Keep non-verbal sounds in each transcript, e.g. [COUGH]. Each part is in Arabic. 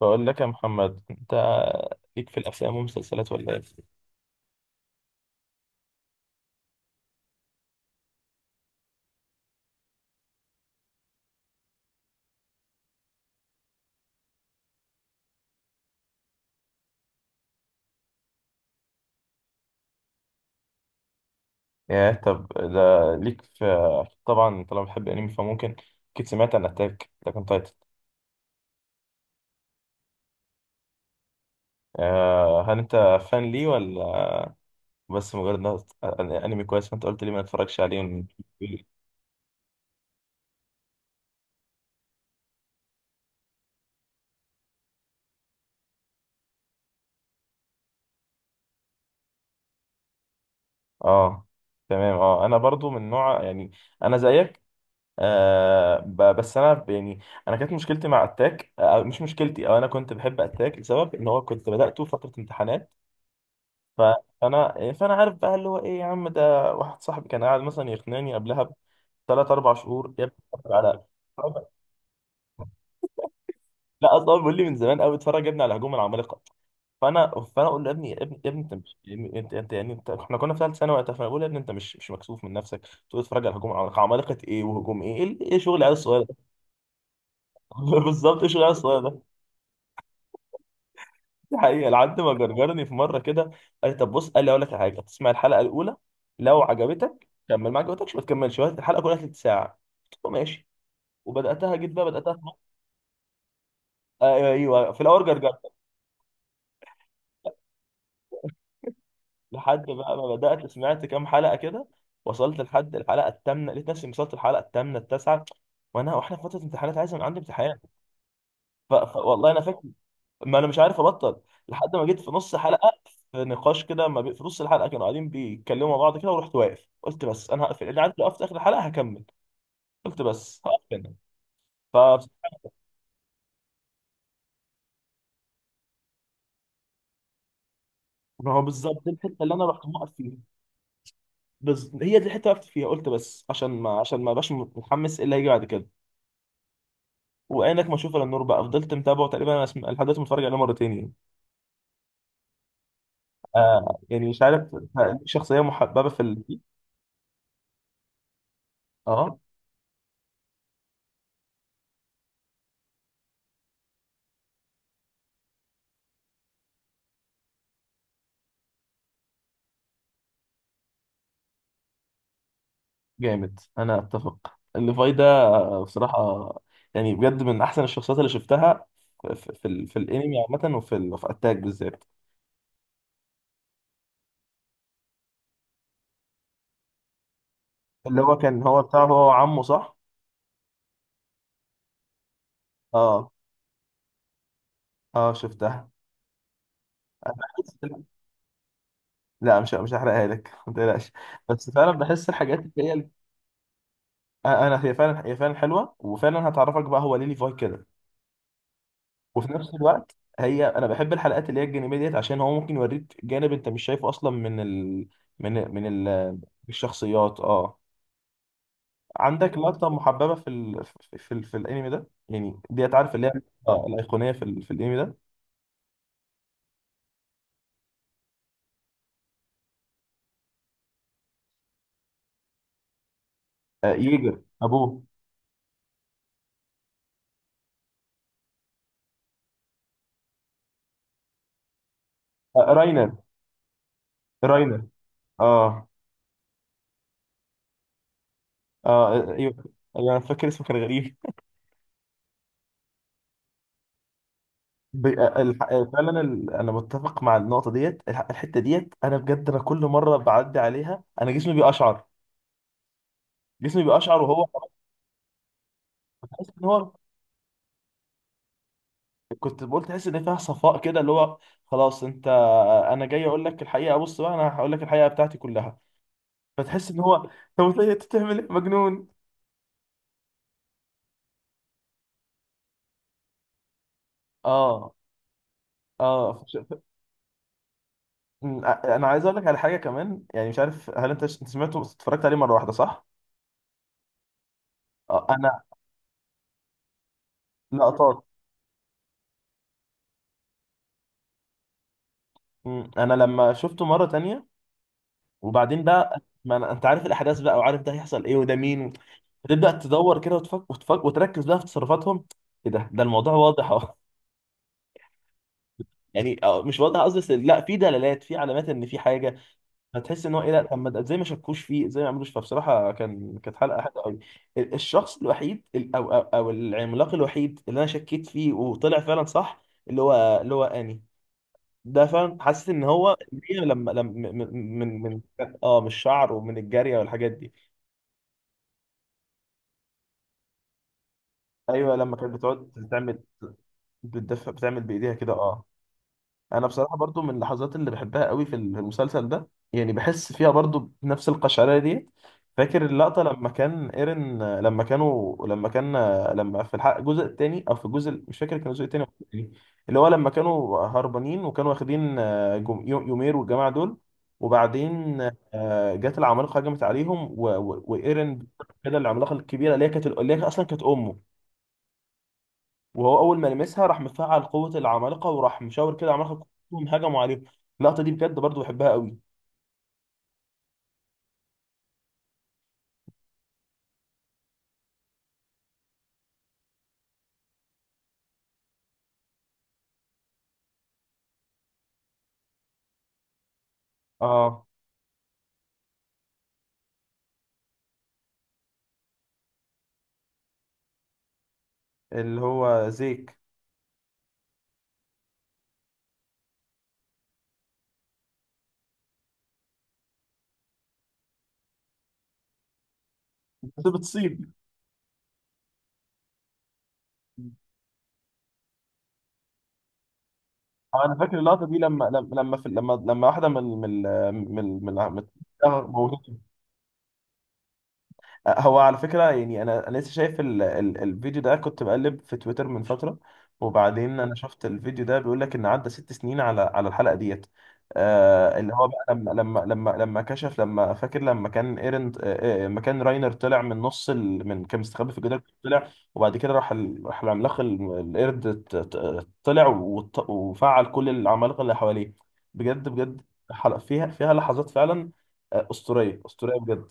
بقول لك يا محمد، انت ليك في الافلام والمسلسلات ولا ايه؟ يا طب، ده ليك في، طبعا طالما بتحب انمي فممكن اكيد سمعت عن اتاك لكن تايتن. هل انت فان ليه ولا بس مجرد انمي كويس، فانت قلت لي ما اتفرجش عليه اه، تمام. اه انا برضو من نوع، يعني انا زيك. بس انا يعني، انا كانت مشكلتي مع اتاك، مش مشكلتي، او انا كنت بحب اتاك لسبب ان هو كنت بدأته في فترة امتحانات. ف- فانا عارف بقى اللي هو ايه، يا عم، ده واحد صاحبي كان قاعد مثلا يقنعني قبلها بثلاث اربع شهور: يا ابني اتفرج على، لا اصلا هو بيقول لي من زمان قوي: اتفرج يا ابني على هجوم العمالقه. فانا اقول له: يا ابني، يا ابني، يا ابني، انت مش، يعني، انت يعني انت، احنا كنا في ثالث ثانوي وقتها، فانا بقول له: يا ابني انت مش مكسوف من نفسك، تقول اتفرج على هجوم العمالقه! عمالقه ايه وهجوم ايه إيه شغل العيال الصغيره ده؟ [LAUGHS] بالظبط، ايه شغل العيال الصغيره. دي حقيقة. لحد ما جرجرني في مرة كده قال لي: طب بص، قال لي أقول لك على حاجة، تسمع الحلقة الأولى، لو عجبتك كمل، ما عجبتكش ما تكملش، وقت الحلقة كلها تلت ساعة. قلت له ماشي. وبدأتها، جيت بقى بدأتها في مصر. آه، أيوه، في الأول جرجرت. لحد بقى ما بدأت سمعت كام حلقة كده، وصلت لحد الحلقة الثامنة، لقيت نفسي وصلت الحلقة الثامنة التاسعة، وأنا وإحنا في فترة امتحانات، عايز من عندي امتحان. والله أنا فاكر، ما انا مش عارف ابطل، لحد ما جيت في نص حلقه. في نقاش كده، ما بي... في نص الحلقه كانوا قاعدين بيتكلموا مع بعض كده، ورحت واقف قلت: بس، انا هقفل، اللي عارف لو وقفت اخر الحلقه هكمل. قلت: بس هقف هنا. ف ما هو بالظبط دي الحته اللي انا رحت موقف فيها. هي دي الحته اللي وقفت فيها، قلت بس عشان ما ابقاش متحمس إيه اللي هيجي بعد كده. وعينك ما اشوف الا النور، بقى فضلت متابعه تقريبا، انا لحد دلوقتي متفرج عليه مرتين يعني. يعني مش عارف، شخصيه محببه في اه، جامد. انا اتفق الليفاي ده، بصراحة، يعني بجد من أحسن الشخصيات اللي شفتها في في الأنمي عامة، وفي في أتاك بالذات. اللي هو كان هو بتاعه، هو وعمه، صح؟ اه، اه، شفتها. أنا بحس، لا، مش هحرقها لك [LAUGHS] ما تقلقش. بس فعلا بحس الحاجات اللي هي هي فعلا حلوه، وفعلا هتعرفك بقى هو ليه ليفاي كده. وفي نفس الوقت، انا بحب الحلقات اللي هي الجانبيه ديت، عشان هو ممكن يوريك جانب انت مش شايفه اصلا من ال... من من ال... الشخصيات. اه. عندك لقطة محببة في في الانمي ده يعني، ديت عارف اللي هي الأيقونية في في الانمي ده؟ آه، ييجر أبوه. آه، راينر، راينر، آه آه، أيوه، أنا فاكر اسمه كان غريب. ب... آه الح... آه فعلا أنا متفق مع النقطة ديت. الحتة ديت، أنا بجد أنا كل مرة بعدي عليها أنا جسمي بيقشعر. جسمي بيقشعر وهو، بحس إن هو، كنت بقول تحس إن فيها صفاء كده اللي هو، خلاص، أنت أنا جاي أقول لك الحقيقة، بص بقى أنا هقول لك الحقيقة بتاعتي كلها، فتحس ان هو، طب انت بتعمل ايه مجنون؟ اه، اه، انا عايز اقول لك على حاجه كمان، يعني مش عارف هل انت انت سمعته بس اتفرجت عليه مره واحده صح؟ آه، انا، لقطات. انا لما شفته مره تانية، وبعدين بقى ما أنا... انت عارف الاحداث بقى، وعارف ده هيحصل ايه وده مين تبدا تدور كده وتركز بقى في تصرفاتهم، ايه ده الموضوع واضح اهو. [LAUGHS] يعني مش واضح قصدي، بس لا، في دلالات، في علامات ان في حاجه، هتحس ان هو ايه. لا طب ما ازاي ما شكوش فيه، ازاي ما عملوش، فبصراحه كانت حلقه حلوه قوي. الشخص الوحيد، او العملاق الوحيد اللي انا شكيت فيه وطلع فعلا صح، اللي هو اني ده فعلا حاسس ان هو إن هي، لما لما من من من اه من الشعر ومن الجاريه والحاجات دي. ايوه، لما كانت بتقعد تعمل، بتدفع، بتعمل بايديها كده، اه. انا بصراحه برضو من اللحظات اللي بحبها قوي في المسلسل ده، يعني بحس فيها برضو بنفس القشعريه دي. فاكر اللقطه، لما كان ايرن، لما كانوا، لما كان، لما في الحلقه الجزء الثاني، او في الجزء مش فاكر كان الجزء الثاني ولا التاني، اللي هو لما كانوا هربانين، وكانوا واخدين يومير والجماعه دول، وبعدين جت العمالقه، هجمت عليهم وايرن كده، العملاقه الكبيره اللي هي اصلا كانت امه، وهو اول ما لمسها راح مفعل قوه العمالقه، وراح مشاور كده العمالقه كلهم هجموا عليهم. اللقطه دي بجد برضو بحبها قوي. اه، اللي هو زيك. [LAUGHS] بتصيب. انا فاكر اللقطه دي لما لما لما في لما لما واحده من هو على فكرة، يعني أنا لسه شايف ال الفيديو ده، كنت بقلب في تويتر من فترة، وبعدين أنا شفت الفيديو ده بيقول لك إن عدى 6 سنين على الحلقة ديت. اللي هو بقى، لما كشف، لما فاكر لما كان ايرن، لما كان راينر طلع من نص ال من كان مستخبي في الجدار طلع، وبعد كده راح العملاق القرد طلع وفعل كل العمالقة اللي حواليه. بجد بجد، حلقة فيها لحظات فعلا، أسطورية أسطورية بجد.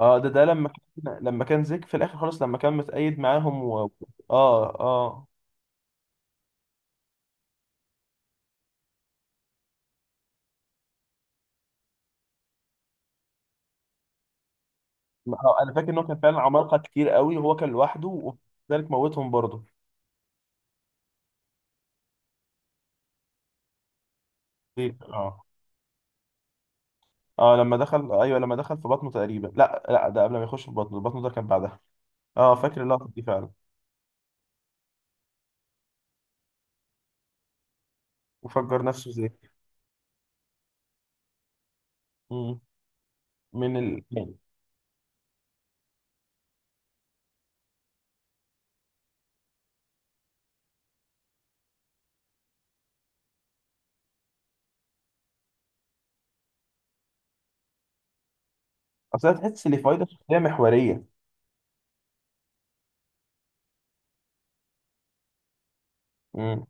اه، ده لما كان زيك في الاخر خالص، لما كان متأيد معاهم اه، اه، انا فاكر ان هو كان فعلا عمالقه كتير قوي، وهو كان لوحده، وذلك موتهم برضه. زيك، اه. اه لما دخل، ايوه لما دخل في بطنه تقريبا، لا لا، ده قبل ما يخش في بطنه ده كان بعدها، اه. فاكر اللقطه دي فعلا. وفجر نفسه زيك. مم. من ال، يعني، اصل أنا تحس ان فايده شخصيه محوريه. امم.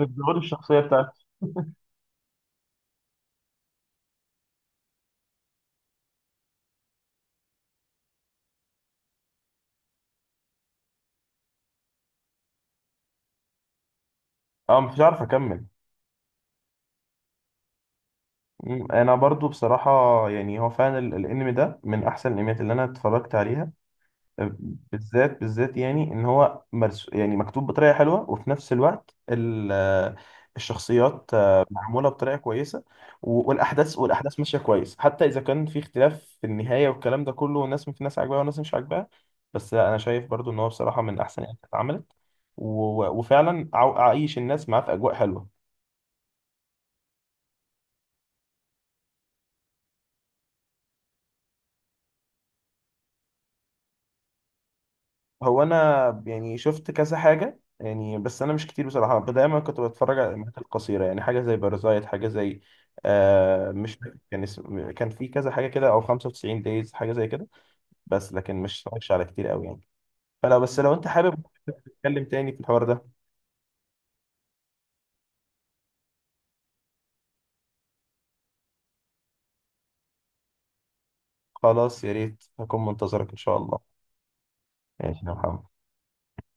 الظهور، الشخصيه بتاعته. اه مش عارف اكمل. انا برضو بصراحه، يعني هو فعلا الانمي ده من احسن الانميات اللي انا اتفرجت عليها. أه، بالذات بالذات، يعني ان هو مرس، يعني مكتوب بطريقه حلوه، وفي نفس الوقت الشخصيات، معموله بطريقه كويسه، والاحداث ماشيه كويس، حتى اذا كان في اختلاف في النهايه والكلام ده كله، والناس، في ناس عاجباها وناس مش عاجباها، بس انا شايف برضو ان هو بصراحه من احسن الانميات اللي اتعملت، وفعلا عايش الناس معاه في اجواء حلوه. انا يعني شفت كذا حاجه يعني، بس انا مش كتير، بصراحه دايما كنت بتفرج على الانميات القصيره، يعني حاجه زي بارازايت، حاجه زي، مش فاكر كان اسم، كان في كذا حاجه كده، او 95 دايز حاجه زي كده، بس لكن مش اتفرجش على كتير قوي يعني. فلو بس لو انت حابب نتكلم تاني في الحوار ده، خلاص، يا ريت، هكون منتظرك ان شاء الله. ماشي يا محمد.